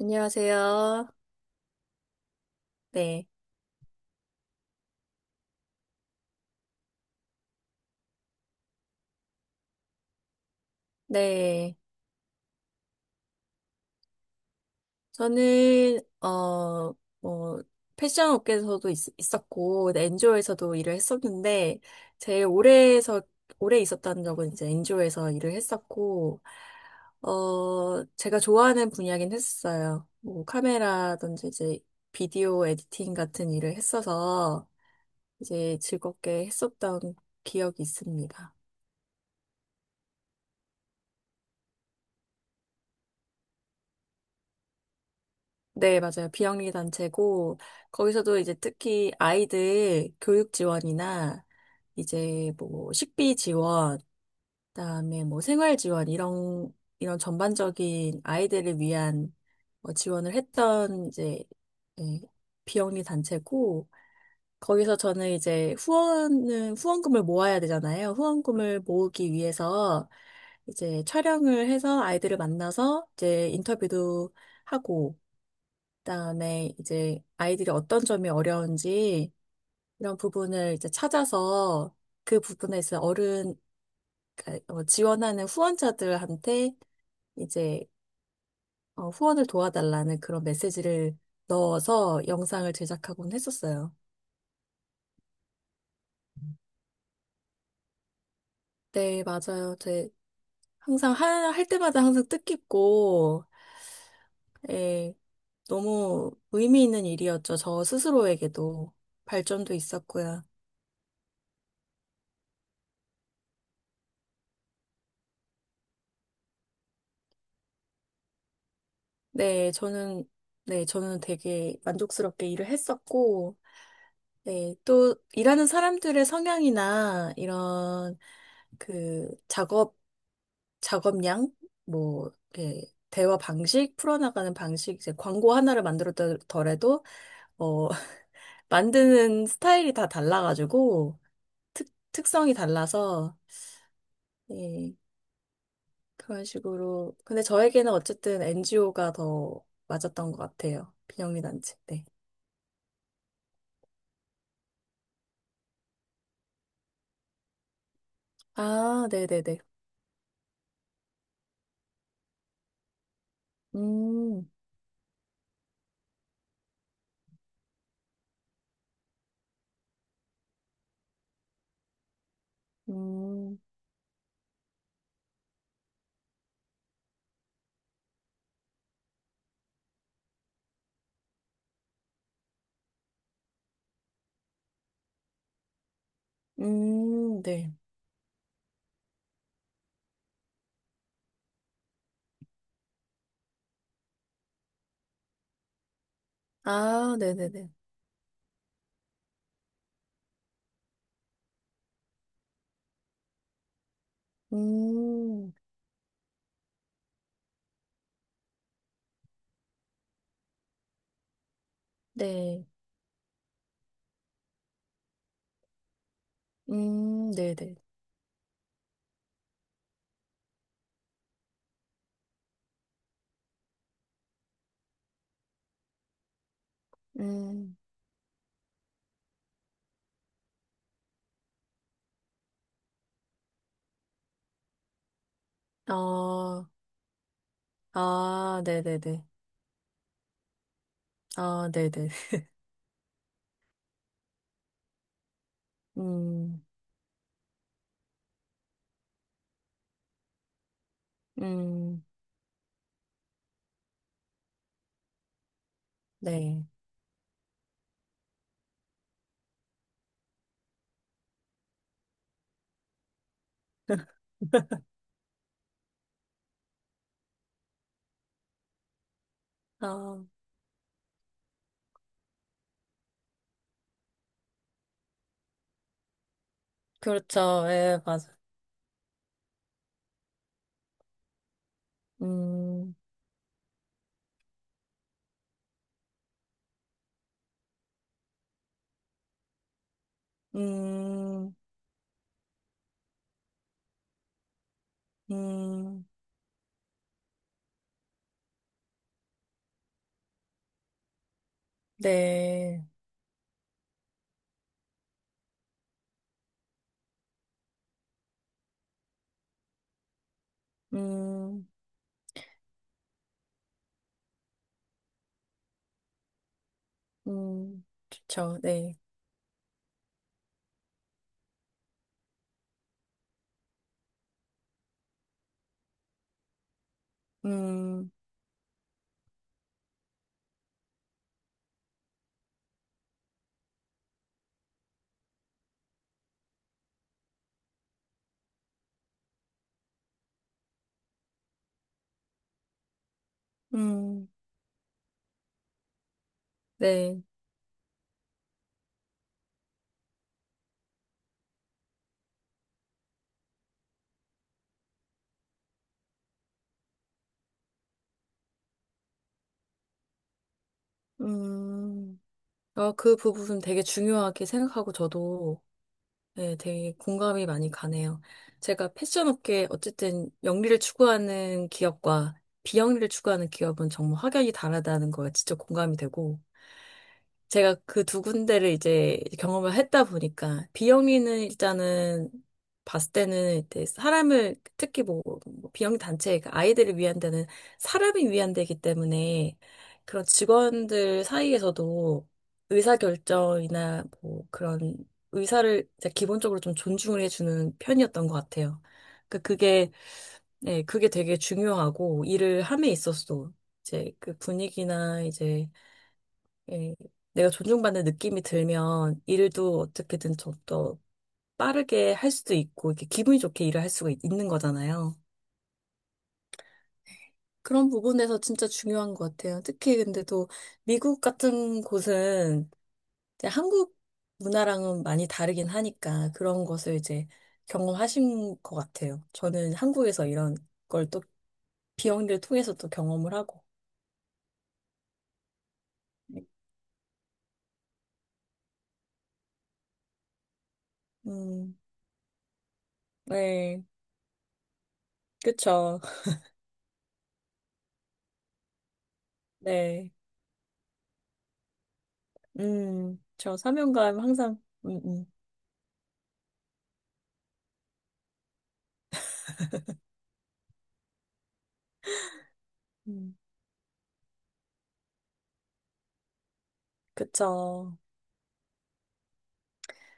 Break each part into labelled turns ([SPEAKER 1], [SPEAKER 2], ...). [SPEAKER 1] 안녕하세요. 네. 네. 저는, 뭐, 패션 업계에서도 있었고, 네, 엔조에서도 일을 했었는데, 제일 오래 있었다는 적은 이제 엔조에서 일을 했었고, 제가 좋아하는 분야긴 했었어요. 뭐, 카메라든지 이제 비디오 에디팅 같은 일을 했어서, 이제 즐겁게 했었던 기억이 있습니다. 네, 맞아요. 비영리 단체고, 거기서도 이제 특히 아이들 교육 지원이나, 이제 뭐 식비 지원, 그다음에 뭐 생활 지원, 이런, 이런 전반적인 아이들을 위한 뭐 지원을 했던 이제, 예, 비영리 단체고, 거기서 저는 이제 후원은, 후원금을 모아야 되잖아요. 후원금을 모으기 위해서 이제 촬영을 해서 아이들을 만나서 이제 인터뷰도 하고, 그다음에 이제 아이들이 어떤 점이 어려운지 이런 부분을 이제 찾아서 그 부분에서 어른 그러니까 지원하는 후원자들한테 이제 후원을 도와달라는 그런 메시지를 넣어서 영상을 제작하곤 했었어요. 네, 맞아요. 제 항상 할 때마다 항상 뜻깊고 예, 너무 의미 있는 일이었죠. 저 스스로에게도 발전도 있었고요. 네, 저는, 네, 저는 되게 만족스럽게 일을 했었고, 네, 또 일하는 사람들의 성향이나 이런 그 작업, 작업량, 뭐, 이렇게 대화 방식, 풀어나가는 방식, 이제 광고 하나를 만들었더라도, 어, 만드는 스타일이 다 달라가지고, 특성이 달라서, 예, 그런 식으로. 근데 저에게는 어쨌든 NGO가 더 맞았던 것 같아요. 비영리단체. 네. 아, 네네네. 음, 음, 네. 아, 네네네. 음, 네. 네네. 음, 아, 아, 네네네. 아, 네네. 음, 음, 네. 아, 그렇죠. 예, 맞아. 음, 음, 음, 네. 음, 음, 좋죠. 네. 음, 음, 네. 음, 아, 그 부분 되게 중요하게 생각하고 저도 예, 되게 공감이 많이 가네요. 제가 패션 업계 어쨌든 영리를 추구하는 기업과 비영리를 추구하는 기업은 정말 확연히 다르다는 거에 진짜 공감이 되고 제가 그 두 군데를 이제 경험을 했다 보니까 비영리는 일단은 봤을 때는 이제 사람을 특히 뭐, 뭐 비영리 단체 그 아이들을 위한 데는 사람이 위한 데이기 때문에 그런 직원들 사이에서도 의사결정이나 뭐 그런 의사를 이제 기본적으로 좀 존중을 해주는 편이었던 것 같아요. 그게 네, 그게 되게 중요하고 일을 함에 있어서도 이제 그 분위기나 이제 예, 내가 존중받는 느낌이 들면 일도 어떻게든 좀 더 빠르게 할 수도 있고, 이렇게 기분이 좋게 일을 할 수가 있는 거잖아요. 그런 부분에서 진짜 중요한 것 같아요. 특히 근데 또 미국 같은 곳은 이제 한국 문화랑은 많이 다르긴 하니까 그런 것을 이제 경험하신 것 같아요. 저는 한국에서 이런 걸 또 비영리를 통해서 또 경험을 하고. 음, 네, 그쵸. 네. 저 사명감 항상, 음, 그쵸.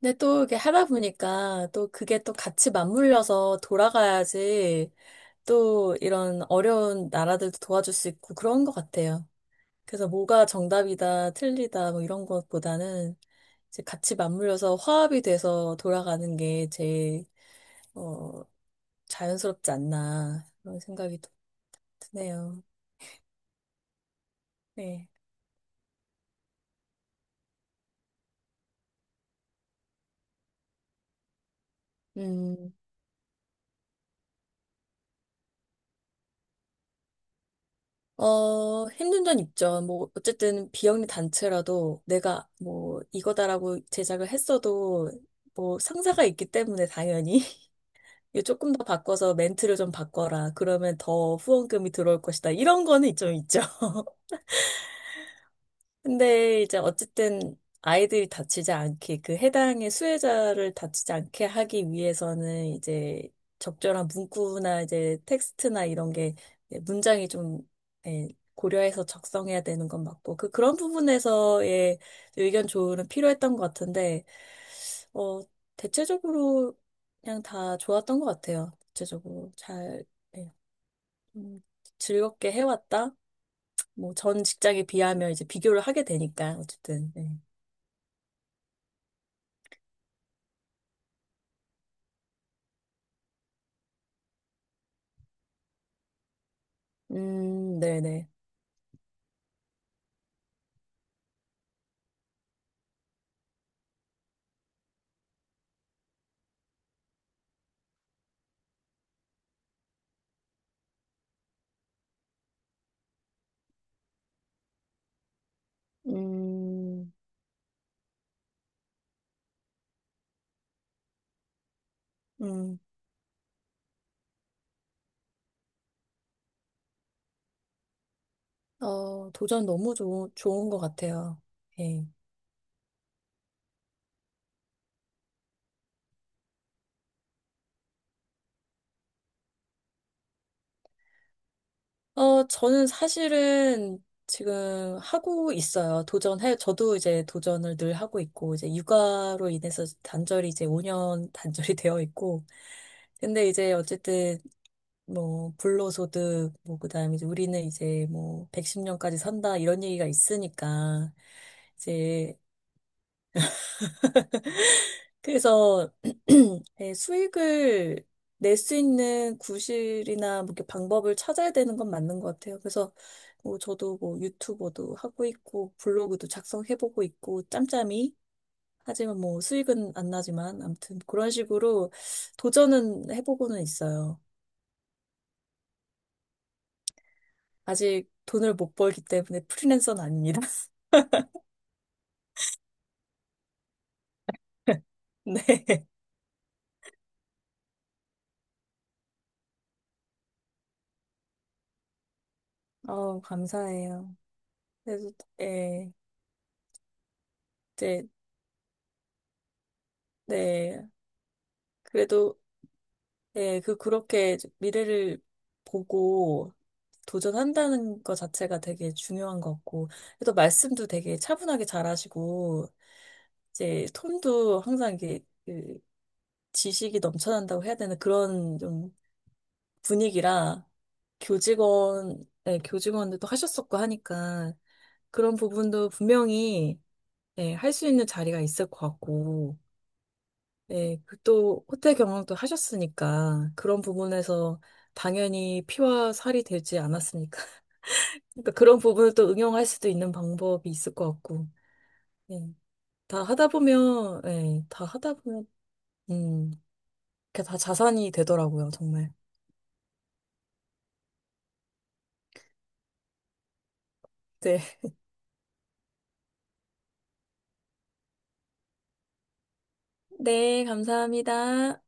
[SPEAKER 1] 근데 또 이렇게 하다 보니까 또 그게 또 같이 맞물려서 돌아가야지 또 이런 어려운 나라들도 도와줄 수 있고 그런 것 같아요. 그래서 뭐가 정답이다, 틀리다, 뭐 이런 것보다는 이제 같이 맞물려서 화합이 돼서 돌아가는 게 제일, 어, 자연스럽지 않나, 그런 생각이 또 드네요. 네. 음. 힘든 점 있죠. 뭐, 어쨌든 비영리 단체라도 내가 뭐, 이거다라고 제작을 했어도 뭐, 상사가 있기 때문에 당연히 이거 조금 더 바꿔서 멘트를 좀 바꿔라. 그러면 더 후원금이 들어올 것이다. 이런 거는 좀 있죠. 근데 이제 어쨌든 아이들이 다치지 않게 그 해당의 수혜자를 다치지 않게 하기 위해서는 이제 적절한 문구나 이제 텍스트나 이런 게 문장이 좀 예, 고려해서 작성해야 되는 건 맞고 그 그런 부분에서의 의견 조언은 필요했던 것 같은데 어 대체적으로 그냥 다 좋았던 것 같아요. 대체적으로 잘 예, 음, 즐겁게 해왔다. 뭐 전 직장에 비하면 이제 비교를 하게 되니까 어쨌든. 예. 네네. 음, 음, 도전 너무 좋은 것 같아요. 예. 저는 사실은 지금 하고 있어요. 도전해, 저도 이제 도전을 늘 하고 있고, 이제 육아로 인해서 단절이 이제 5년 단절이 되어 있고, 근데 이제 어쨌든 뭐, 불로소득, 뭐, 그 다음에 이제 우리는 이제 뭐, 110년까지 산다, 이런 얘기가 있으니까, 이제 그래서 예, 수익을 낼 수 있는 구실이나 뭐 이렇게 방법을 찾아야 되는 건 맞는 것 같아요. 그래서 뭐 저도 뭐 유튜버도 하고 있고 블로그도 작성해보고 있고 짬짬이 하지만 뭐 수익은 안 나지만 아무튼 그런 식으로 도전은 해보고는 있어요. 아직 돈을 못 벌기 때문에 프리랜서는 아닙니다. 네. 감사해요. 그래서 예, 이제 네. 그래도 네, 그, 그렇게 미래를 보고 도전한다는 것 자체가 되게 중요한 것 같고, 또 말씀도 되게 차분하게 잘하시고, 이제 톤도 항상 이게 그 지식이 넘쳐난다고 해야 되는 그런 좀 분위기라, 교직원, 네, 교직원들도 하셨었고 하니까, 그런 부분도 분명히, 네, 할 수 있는 자리가 있을 것 같고, 네, 그또 호텔 경영도 하셨으니까 그런 부분에서 당연히 피와 살이 되지 않았으니까. 그러니까 그런 부분을 또 응용할 수도 있는 방법이 있을 것 같고. 네, 다 하다 보면, 네, 다 하다 보면, 음, 그게 다 자산이 되더라고요, 정말. 네. 네, 감사합니다.